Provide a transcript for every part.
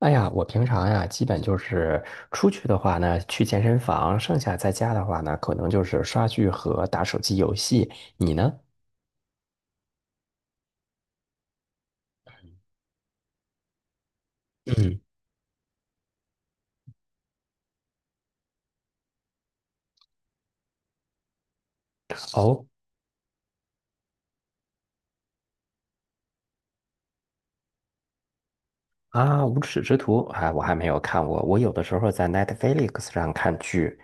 哎呀，我平常呀，基本就是出去的话呢，去健身房；剩下在家的话呢，可能就是刷剧和打手机游戏。你呢？嗯。哦啊，无耻之徒，哎，我还没有看过。我有的时候在 Netflix 上看剧。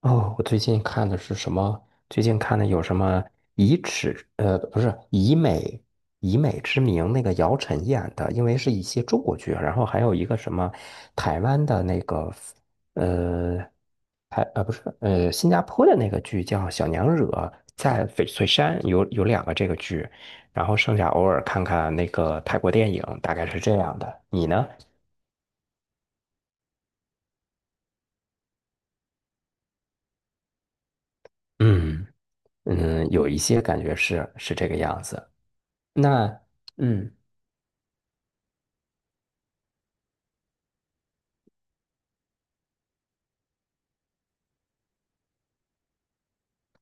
哦，我最近看的是什么？最近看的有什么以耻，不是以美以美之名那个姚晨演的，因为是一些中国剧，然后还有一个什么台湾的那个。呃，还不是新加坡的那个剧叫《小娘惹》，在翡翠山有两个这个剧，然后剩下偶尔看看那个泰国电影，大概是这样的。你呢？嗯嗯，有一些感觉是这个样子。那嗯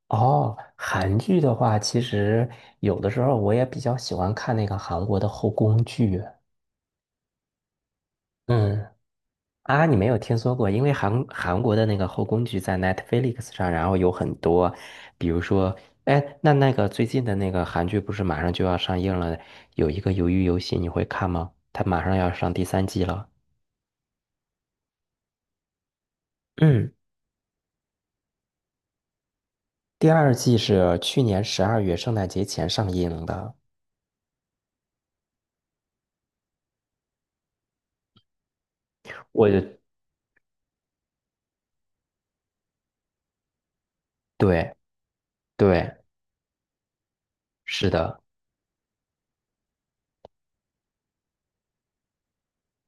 哦，韩剧的话，其实有的时候我也比较喜欢看那个韩国的后宫剧。嗯啊，你没有听说过？因为韩国的那个后宫剧在 Netflix 上，然后有很多，比如说，哎，那那个最近的那个韩剧不是马上就要上映了？有一个《鱿鱼游戏》，你会看吗？它马上要上第三季了。嗯，第二季是去年十二月圣诞节前上映的。我，对对，是的。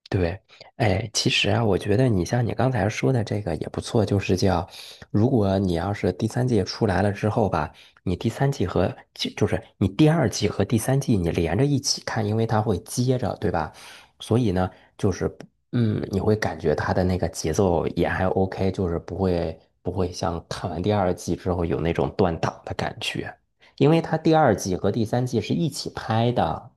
对，哎，其实啊，我觉得你像你刚才说的这个也不错，就是叫，如果你要是第三季出来了之后吧，你第三季和就是你第二季和第三季你连着一起看，因为它会接着，对吧？所以呢，就是不嗯，你会感觉它的那个节奏也还 OK,就是不会像看完第二季之后有那种断档的感觉，因为它第二季和第三季是一起拍的。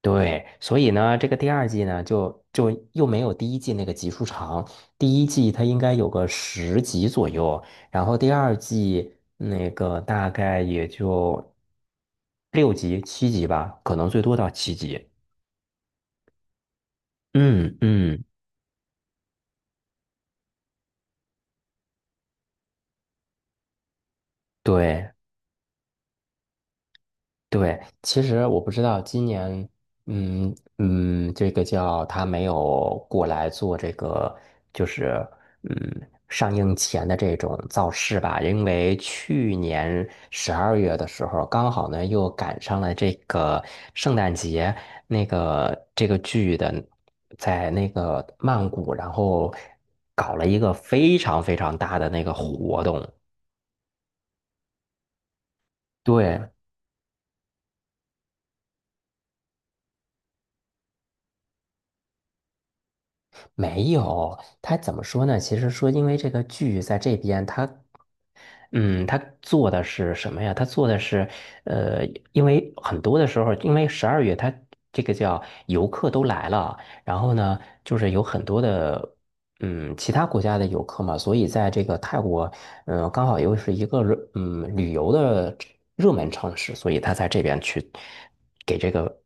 对，所以呢，这个第二季呢，就又没有第一季那个集数长。第一季它应该有个10集左右，然后第二季那个大概也就6集、七集吧，可能最多到七集。嗯嗯，对。对，其实我不知道今年，嗯嗯，这个叫他没有过来做这个，就是嗯上映前的这种造势吧，因为去年十二月的时候，刚好呢又赶上了这个圣诞节，那个这个剧的在那个曼谷，然后搞了一个非常非常大的那个活动，对。没有，他怎么说呢？其实说，因为这个剧在这边，他，嗯，他做的是什么呀？他做的是，呃，因为很多的时候，因为十二月他这个叫游客都来了，然后呢，就是有很多的，嗯，其他国家的游客嘛，所以在这个泰国，嗯、刚好又是一个热嗯旅游的热门城市，所以他在这边去给这个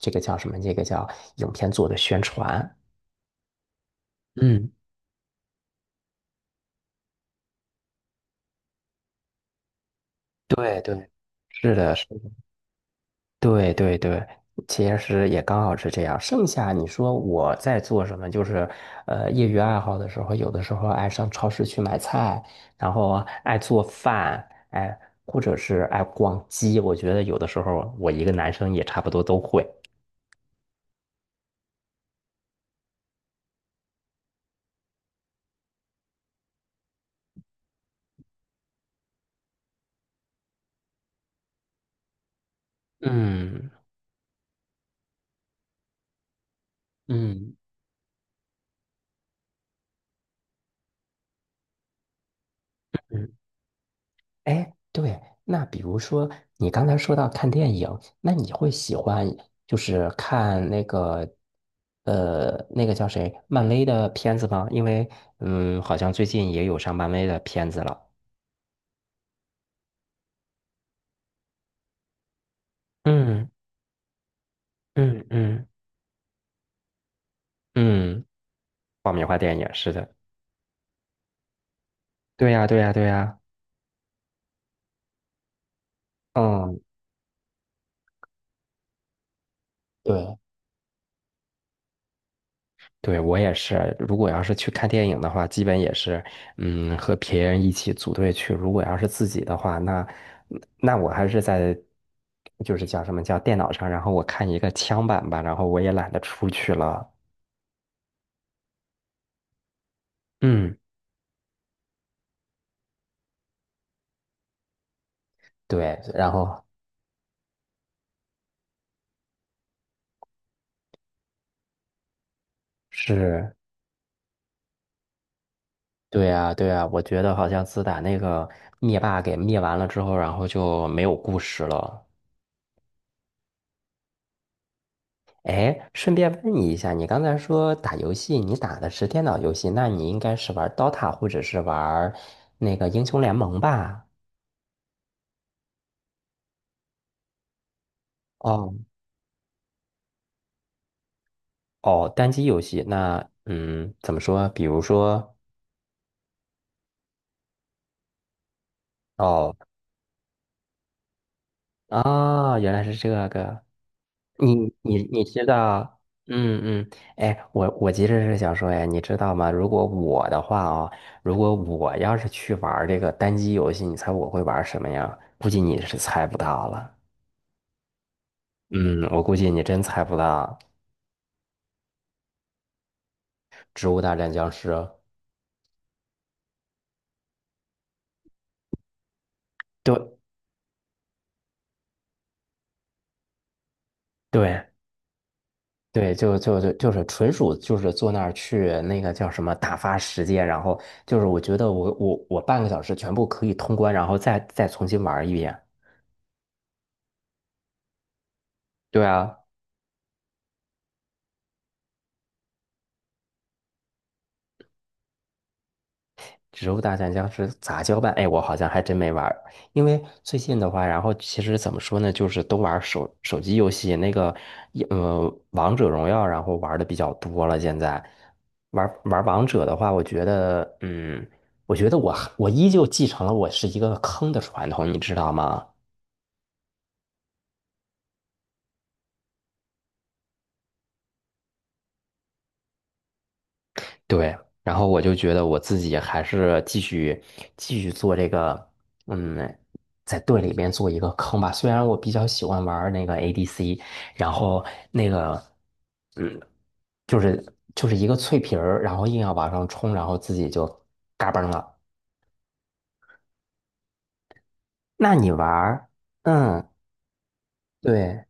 这个叫什么？这个叫影片做的宣传。嗯，对对。是的，是的，对对对，其实也刚好是这样。剩下你说我在做什么，就是业余爱好的时候，有的时候爱上超市去买菜，然后爱做饭，哎，或者是爱逛街。我觉得有的时候我一个男生也差不多都会。嗯嗯嗯。哎，对，那比如说你刚才说到看电影，那你会喜欢就是看那个那个叫谁漫威的片子吗？因为嗯，好像最近也有上漫威的片子了。嗯嗯嗯嗯，爆米花电影，是的，对呀对呀对呀，嗯，对，对，我也是。如果要是去看电影的话，基本也是，嗯，和别人一起组队去。如果要是自己的话，那那我还是在，就是叫什么叫电脑上，然后我看一个枪版吧，然后我也懒得出去了。嗯，对，然后是，对呀，对呀，我觉得好像自打那个灭霸给灭完了之后，然后就没有故事了。哎，顺便问你一下，你刚才说打游戏，你打的是电脑游戏，那你应该是玩 DOTA 或者是玩那个英雄联盟吧？哦哦，单机游戏，那嗯，怎么说？比如说，哦啊，原来是这个，你你知道？嗯嗯，哎，我其实是想说，哎，你知道吗？如果我的话哦，如果我要是去玩这个单机游戏，你猜我会玩什么呀？估计你是猜不到了。嗯，我估计你真猜不到《植物大战僵尸》。对对对，就是纯属就是坐那儿去那个叫什么打发时间，然后就是我觉得我半个小时全部可以通关，然后再重新玩一遍。对啊。植物大战僵尸杂交版，哎，我好像还真没玩儿，因为最近的话，然后其实怎么说呢，就是都玩儿手机游戏，那个一王者荣耀，然后玩的比较多了。现在玩王者的话，我觉得，嗯，我觉得我还我依旧继承了我是一个坑的传统，你知道吗？对，然后我就觉得我自己还是继续做这个，嗯，在队里面做一个坑吧。虽然我比较喜欢玩儿那个 ADC,然后那个，嗯，就是就是一个脆皮儿，然后硬要往上冲，然后自己就嘎嘣了。那你玩儿？嗯，对。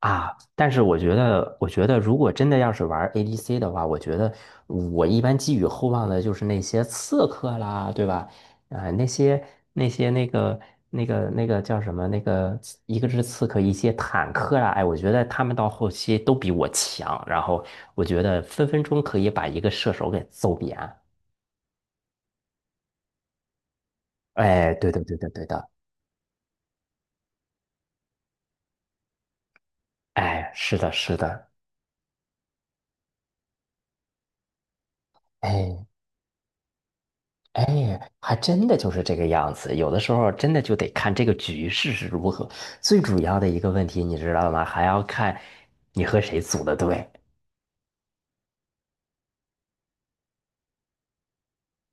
啊，但是我觉得，我觉得如果真的要是玩 ADC 的话，我觉得我一般寄予厚望的就是那些刺客啦，对吧？啊、那些那些那个那个那个叫什么？那个一个是刺客，一些坦克啦，哎，我觉得他们到后期都比我强，然后我觉得分分钟可以把一个射手给揍扁。哎，对的，对的，对的，哎，是的，是的，哎。哎，还真的就是这个样子。有的时候真的就得看这个局势是如何。最主要的一个问题，你知道吗？还要看你和谁组的队。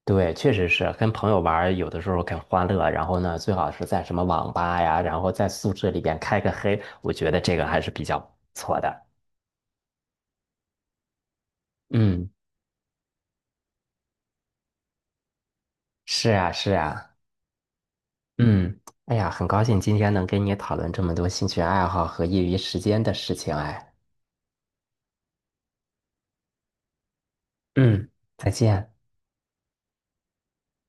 对，确实是跟朋友玩儿有的时候很欢乐。然后呢，最好是在什么网吧呀，然后在宿舍里边开个黑，我觉得这个还是比较不错的。嗯，是啊，是啊，嗯，哎呀，很高兴今天能跟你讨论这么多兴趣爱好和业余时间的事情。哎，嗯，再见。